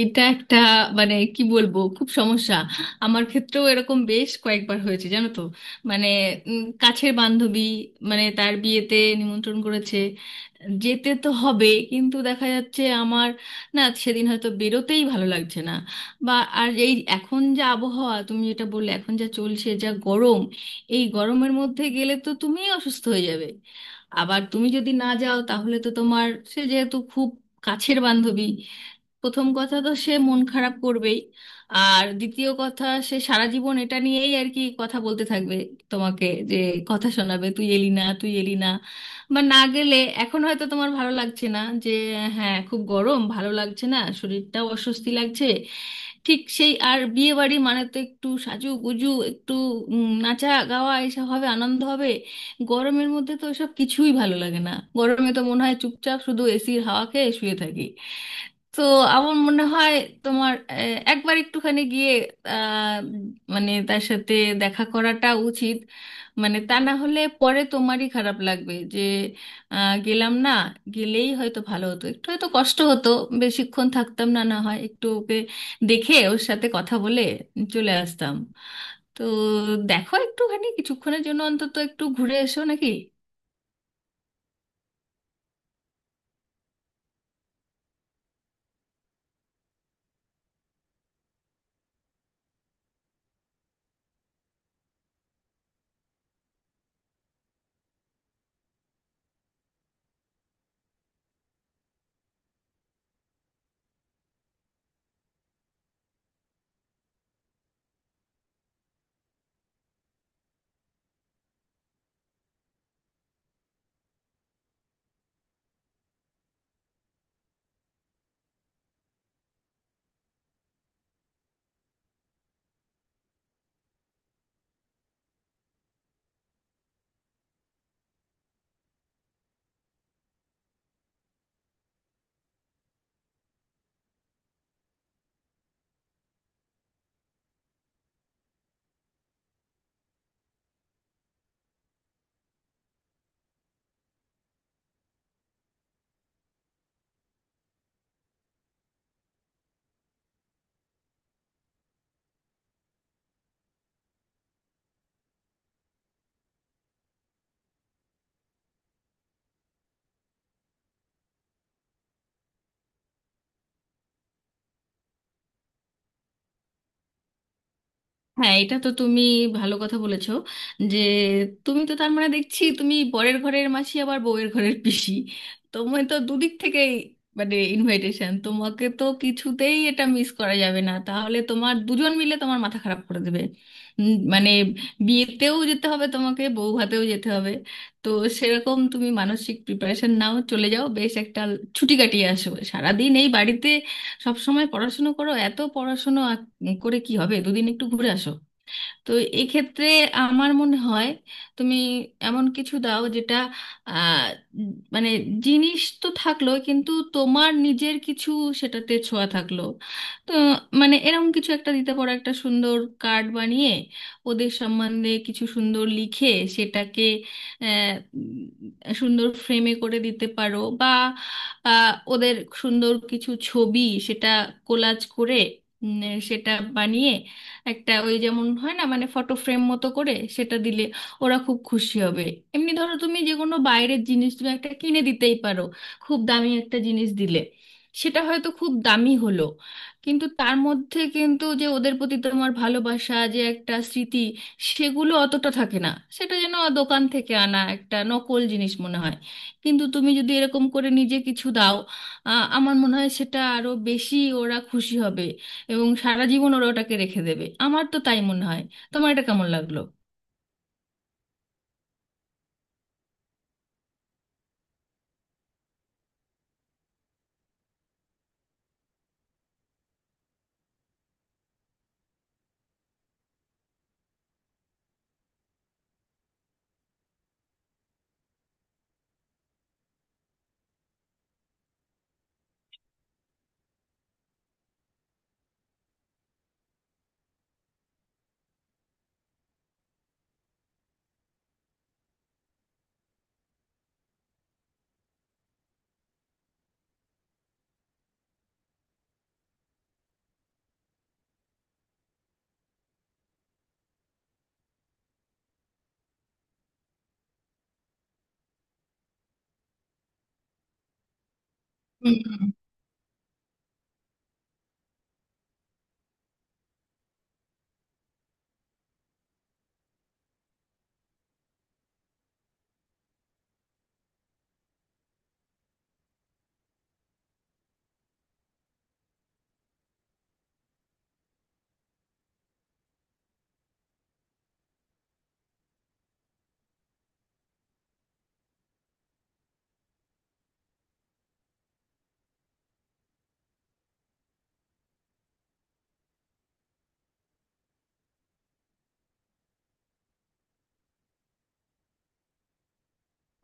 এটা একটা মানে কি বলবো, খুব সমস্যা। আমার ক্ষেত্রেও এরকম বেশ কয়েকবার হয়েছে, জানো তো। মানে, কাছের বান্ধবী, মানে তার বিয়েতে নিমন্ত্রণ করেছে, যেতে তো হবে। কিন্তু দেখা যাচ্ছে আমার না, সেদিন হয়তো বেরোতেই ভালো লাগছে না, বা আর এই এখন যা আবহাওয়া, তুমি যেটা বললে, এখন যা চলছে, যা গরম, এই গরমের মধ্যে গেলে তো তুমিই অসুস্থ হয়ে যাবে। আবার তুমি যদি না যাও তাহলে তো তোমার, সে যেহেতু খুব কাছের বান্ধবী, প্রথম কথা তো সে মন খারাপ করবেই। আর দ্বিতীয় কথা, সে সারা জীবন এটা নিয়েই আর কি কথা বলতে থাকবে, তোমাকে যে কথা শোনাবে, তুই এলি না, তুই এলি না। বা না গেলে এখন হয়তো তোমার ভালো লাগছে না যে হ্যাঁ, খুব গরম, ভালো লাগছে না, শরীরটাও অস্বস্তি লাগছে, ঠিক সেই। আর বিয়ে বাড়ি মানে তো একটু সাজুগুজু, একটু নাচা গাওয়া, এসব হবে, আনন্দ হবে। গরমের মধ্যে তো এসব কিছুই ভালো লাগে না, গরমে তো মনে হয় চুপচাপ শুধু এসির হাওয়া খেয়ে শুয়ে থাকি। তো আমার মনে হয় তোমার একবার একটুখানি গিয়ে, আহ, মানে তার সাথে দেখা করাটা উচিত। মানে তা না হলে পরে তোমারই খারাপ লাগবে যে গেলাম না, গেলেই হয়তো ভালো হতো, একটু হয়তো কষ্ট হতো, বেশিক্ষণ থাকতাম না, না হয় একটু ওকে দেখে ওর সাথে কথা বলে চলে আসতাম। তো দেখো, একটুখানি কিছুক্ষণের জন্য অন্তত একটু ঘুরে এসো, নাকি? হ্যাঁ, এটা তো তুমি ভালো কথা বলেছো, যে তুমি তো তার মানে, দেখছি তুমি বরের ঘরের মাসি আবার বউয়ের ঘরের পিসি। তোমার তো দুদিক থেকেই মানে ইনভাইটেশন, তোমাকে তো কিছুতেই এটা মিস করা যাবে না, তাহলে তোমার দুজন মিলে তোমার মাথা খারাপ করে দেবে। মানে বিয়েতেও যেতে হবে তোমাকে, বউ ভাতেও যেতে হবে। তো সেরকম তুমি মানসিক প্রিপারেশন নাও, চলে যাও, বেশ একটা ছুটি কাটিয়ে আসো। সারাদিন এই বাড়িতে সব সময় পড়াশুনো করো, এত পড়াশুনো করে কি হবে, দুদিন একটু ঘুরে আসো। তো এক্ষেত্রে আমার মনে হয় তুমি এমন কিছু দাও যেটা, আহ, মানে জিনিস তো থাকলো কিন্তু তোমার নিজের কিছু সেটাতে ছোঁয়া থাকলো। তো মানে এরকম কিছু একটা দিতে পারো, একটা সুন্দর কার্ড বানিয়ে ওদের সম্বন্ধে কিছু সুন্দর লিখে, সেটাকে সুন্দর ফ্রেমে করে দিতে পারো। বা ওদের সুন্দর কিছু ছবি সেটা কোলাজ করে, উম, সেটা বানিয়ে একটা, ওই যেমন হয় না মানে ফটো ফ্রেম মতো করে সেটা দিলে ওরা খুব খুশি হবে। এমনি ধরো তুমি যে কোনো বাইরের জিনিস তুমি একটা কিনে দিতেই পারো, খুব দামি একটা জিনিস দিলে সেটা হয়তো খুব দামি হলো, কিন্তু তার মধ্যে কিন্তু যে ওদের প্রতি তোমার ভালোবাসা, যে একটা স্মৃতি, সেগুলো অতটা থাকে না। সেটা যেন দোকান থেকে আনা একটা নকল জিনিস মনে হয়। কিন্তু তুমি যদি এরকম করে নিজে কিছু দাও, আ, আমার মনে হয় সেটা আরো বেশি ওরা খুশি হবে এবং সারা জীবন ওরা ওটাকে রেখে দেবে। আমার তো তাই মনে হয়, তোমার এটা কেমন লাগলো?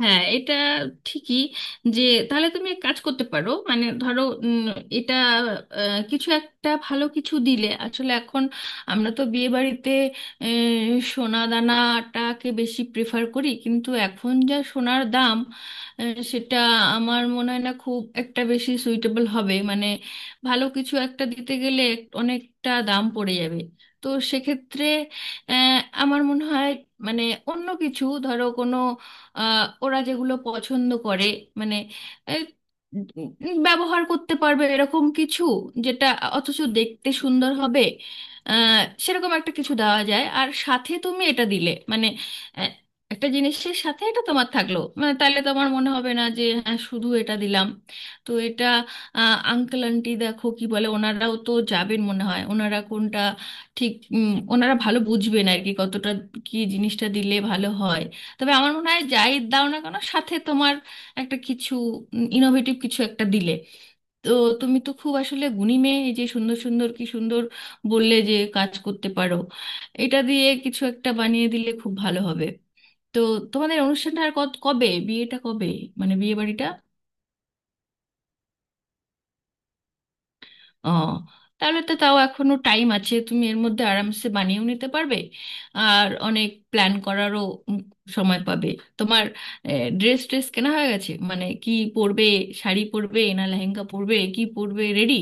হ্যাঁ, এটা ঠিকই যে, তাহলে তুমি এক কাজ করতে পারো। মানে ধরো, এটা কিছু একটা ভালো কিছু দিলে, আসলে এখন আমরা তো বিয়ে বাড়িতে আহ, সোনা দানাটাকে বেশি প্রেফার করি, কিন্তু এখন যা সোনার দাম, সেটা আমার মনে হয় না খুব একটা বেশি সুইটেবল হবে। মানে ভালো কিছু একটা দিতে গেলে অনেকটা দাম পড়ে যাবে। তো সেক্ষেত্রে আহ, আমার মনে হয় মানে অন্য কিছু, ধরো কোনো ওরা যেগুলো পছন্দ করে, মানে এই, উম, ব্যবহার করতে পারবে এরকম কিছু যেটা অথচ দেখতে সুন্দর হবে, আহ, সেরকম একটা কিছু দেওয়া যায়। আর সাথে তুমি এটা দিলে মানে, আহ, একটা জিনিসের সাথে এটা তোমার থাকলো মানে, তাহলে তোমার মনে হবে না যে হ্যাঁ শুধু এটা দিলাম। তো এটা আঙ্কেল আন্টি দেখো কি বলে, ওনারাও তো যাবেন মনে হয়, ওনারা কোনটা ঠিক ওনারা ভালো বুঝবেন আর কি, কতটা কি জিনিসটা দিলে ভালো হয়। তবে আমার মনে হয় যাই দাও না কেন, সাথে তোমার একটা কিছু ইনোভেটিভ কিছু একটা দিলে। তো তুমি তো খুব আসলে গুণী মেয়ে, এই যে সুন্দর সুন্দর কি সুন্দর বললে যে কাজ করতে পারো, এটা দিয়ে কিছু একটা বানিয়ে দিলে খুব ভালো হবে। তো তোমাদের অনুষ্ঠানটা আর কবে, বিয়েটা কবে, মানে বিয়ে বাড়িটা? ও, তাহলে তো তাও এখনো টাইম আছে, তুমি এর মধ্যে আরামসে বানিয়েও নিতে পারবে আর অনেক প্ল্যান করারও উম সময় পাবে। তোমার ড্রেস ট্রেস কেনা হয়ে গেছে? মানে কি পরবে, শাড়ি পরবে না লেহেঙ্গা পরবে, কি পরবে, রেডি?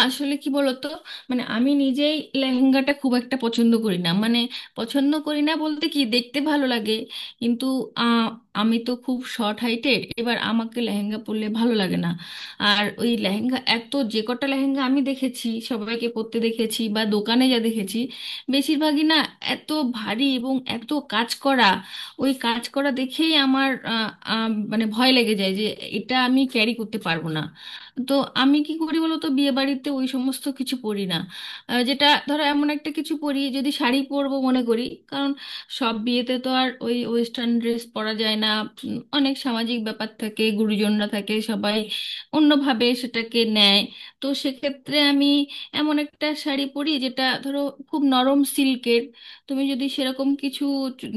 আসলে কি বলতো, মানে আমি নিজেই লেহেঙ্গাটা খুব একটা পছন্দ করি না। মানে পছন্দ করি না বলতে কি, দেখতে ভালো লাগে কিন্তু আহ, আমি তো খুব শর্ট হাইটের, এবার আমাকে লেহেঙ্গা পরলে ভালো লাগে না। আর ওই লেহেঙ্গা, এত যে কটা লেহেঙ্গা আমি দেখেছি সবাইকে পরতে দেখেছি বা দোকানে যা দেখেছি, বেশিরভাগই না এত ভারী এবং এত কাজ করা, ওই কাজ করা দেখেই আমার আহ, আহ, মানে ভয় লেগে যায় যে এটা আমি ক্যারি করতে পারবো না। তো আমি কি করি বলতো, বিয়ে বাড়িতে ওই সমস্ত কিছু পরি না, যেটা ধরো এমন একটা কিছু পরি, যদি শাড়ি পরবো মনে করি। কারণ সব বিয়েতে তো আর ওই ওয়েস্টার্ন ড্রেস পরা যায় না, অনেক সামাজিক ব্যাপার থাকে, গুরুজনরা থাকে, সবাই অন্যভাবে সেটাকে নেয়। তো সেক্ষেত্রে আমি এমন একটা শাড়ি পরি যেটা ধরো খুব নরম সিল্কের। তুমি যদি সেরকম কিছু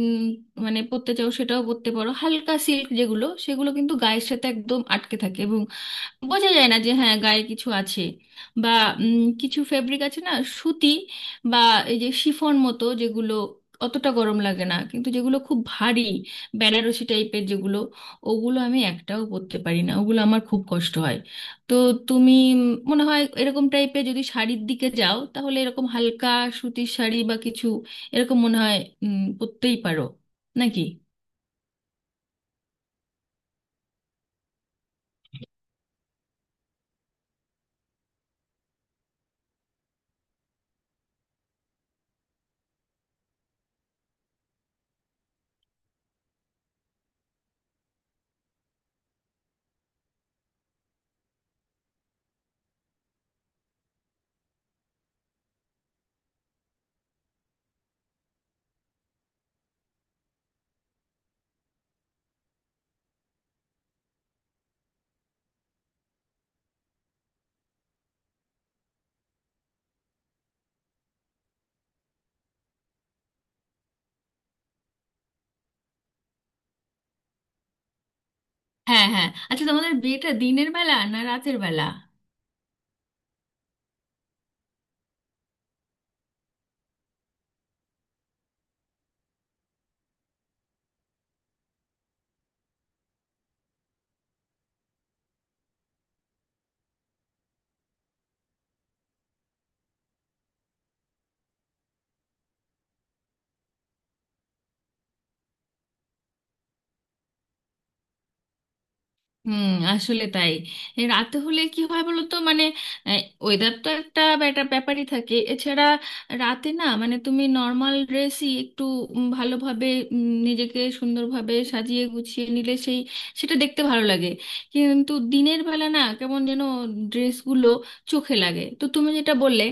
উম, মানে পরতে চাও, সেটাও পরতে পারো। হালকা সিল্ক যেগুলো, সেগুলো কিন্তু গায়ের সাথে একদম আটকে থাকে, বোঝা যায় না যে হ্যাঁ গায়ে কিছু আছে। বা কিছু ফেব্রিক আছে না, সুতি বা এই যে শিফন মতো যেগুলো, অতটা গরম লাগে না। কিন্তু যেগুলো খুব ভারী বেনারসি টাইপের যেগুলো, ওগুলো আমি একটাও পরতে পারি না, ওগুলো আমার খুব কষ্ট হয়। তো তুমি মনে হয় এরকম টাইপের যদি শাড়ির দিকে যাও, তাহলে এরকম হালকা সুতির শাড়ি বা কিছু এরকম মনে হয় পরতেই পারো, নাকি? হ্যাঁ, হ্যাঁ, আচ্ছা, তোমাদের বিয়েটা দিনের বেলা না রাতের বেলা? হুম, আসলে তাই। এই রাতে হলে কি হয় বলো তো, মানে ওয়েদার তো একটা ব্যাপারই থাকে। এছাড়া রাতে না মানে তুমি নর্মাল ড্রেসই একটু ভালোভাবে নিজেকে সুন্দরভাবে সাজিয়ে গুছিয়ে নিলে সেই, সেটা দেখতে ভালো লাগে। কিন্তু দিনের বেলা না কেমন যেন ড্রেসগুলো চোখে লাগে। তো তুমি যেটা বললে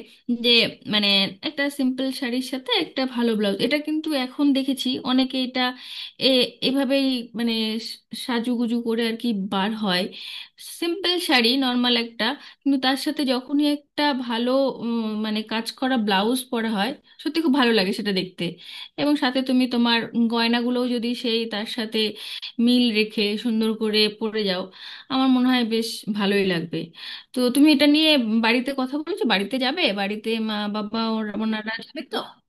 যে মানে একটা সিম্পল শাড়ির সাথে একটা ভালো ব্লাউজ, এটা কিন্তু এখন দেখেছি অনেকে এটা এ এভাবেই মানে স- সাজুগুজু করে আর কি বার হয়, সিম্পল শাড়ি নর্মাল একটা। কিন্তু তার সাথে যখনই একটা ভালো মানে কাজ করা ব্লাউজ পরা হয়, সত্যি খুব ভালো লাগে সেটা দেখতে। এবং সাথে তুমি তোমার গয়নাগুলোও যদি সেই তার সাথে মিল রেখে সুন্দর করে পরে যাও, আমার মনে হয় বেশ ভালোই লাগবে। তো তুমি এটা নিয়ে বাড়িতে কথা বলেছো, বাড়িতে যাবে, বাড়িতে মা বাবা ওনারা যাবে তো?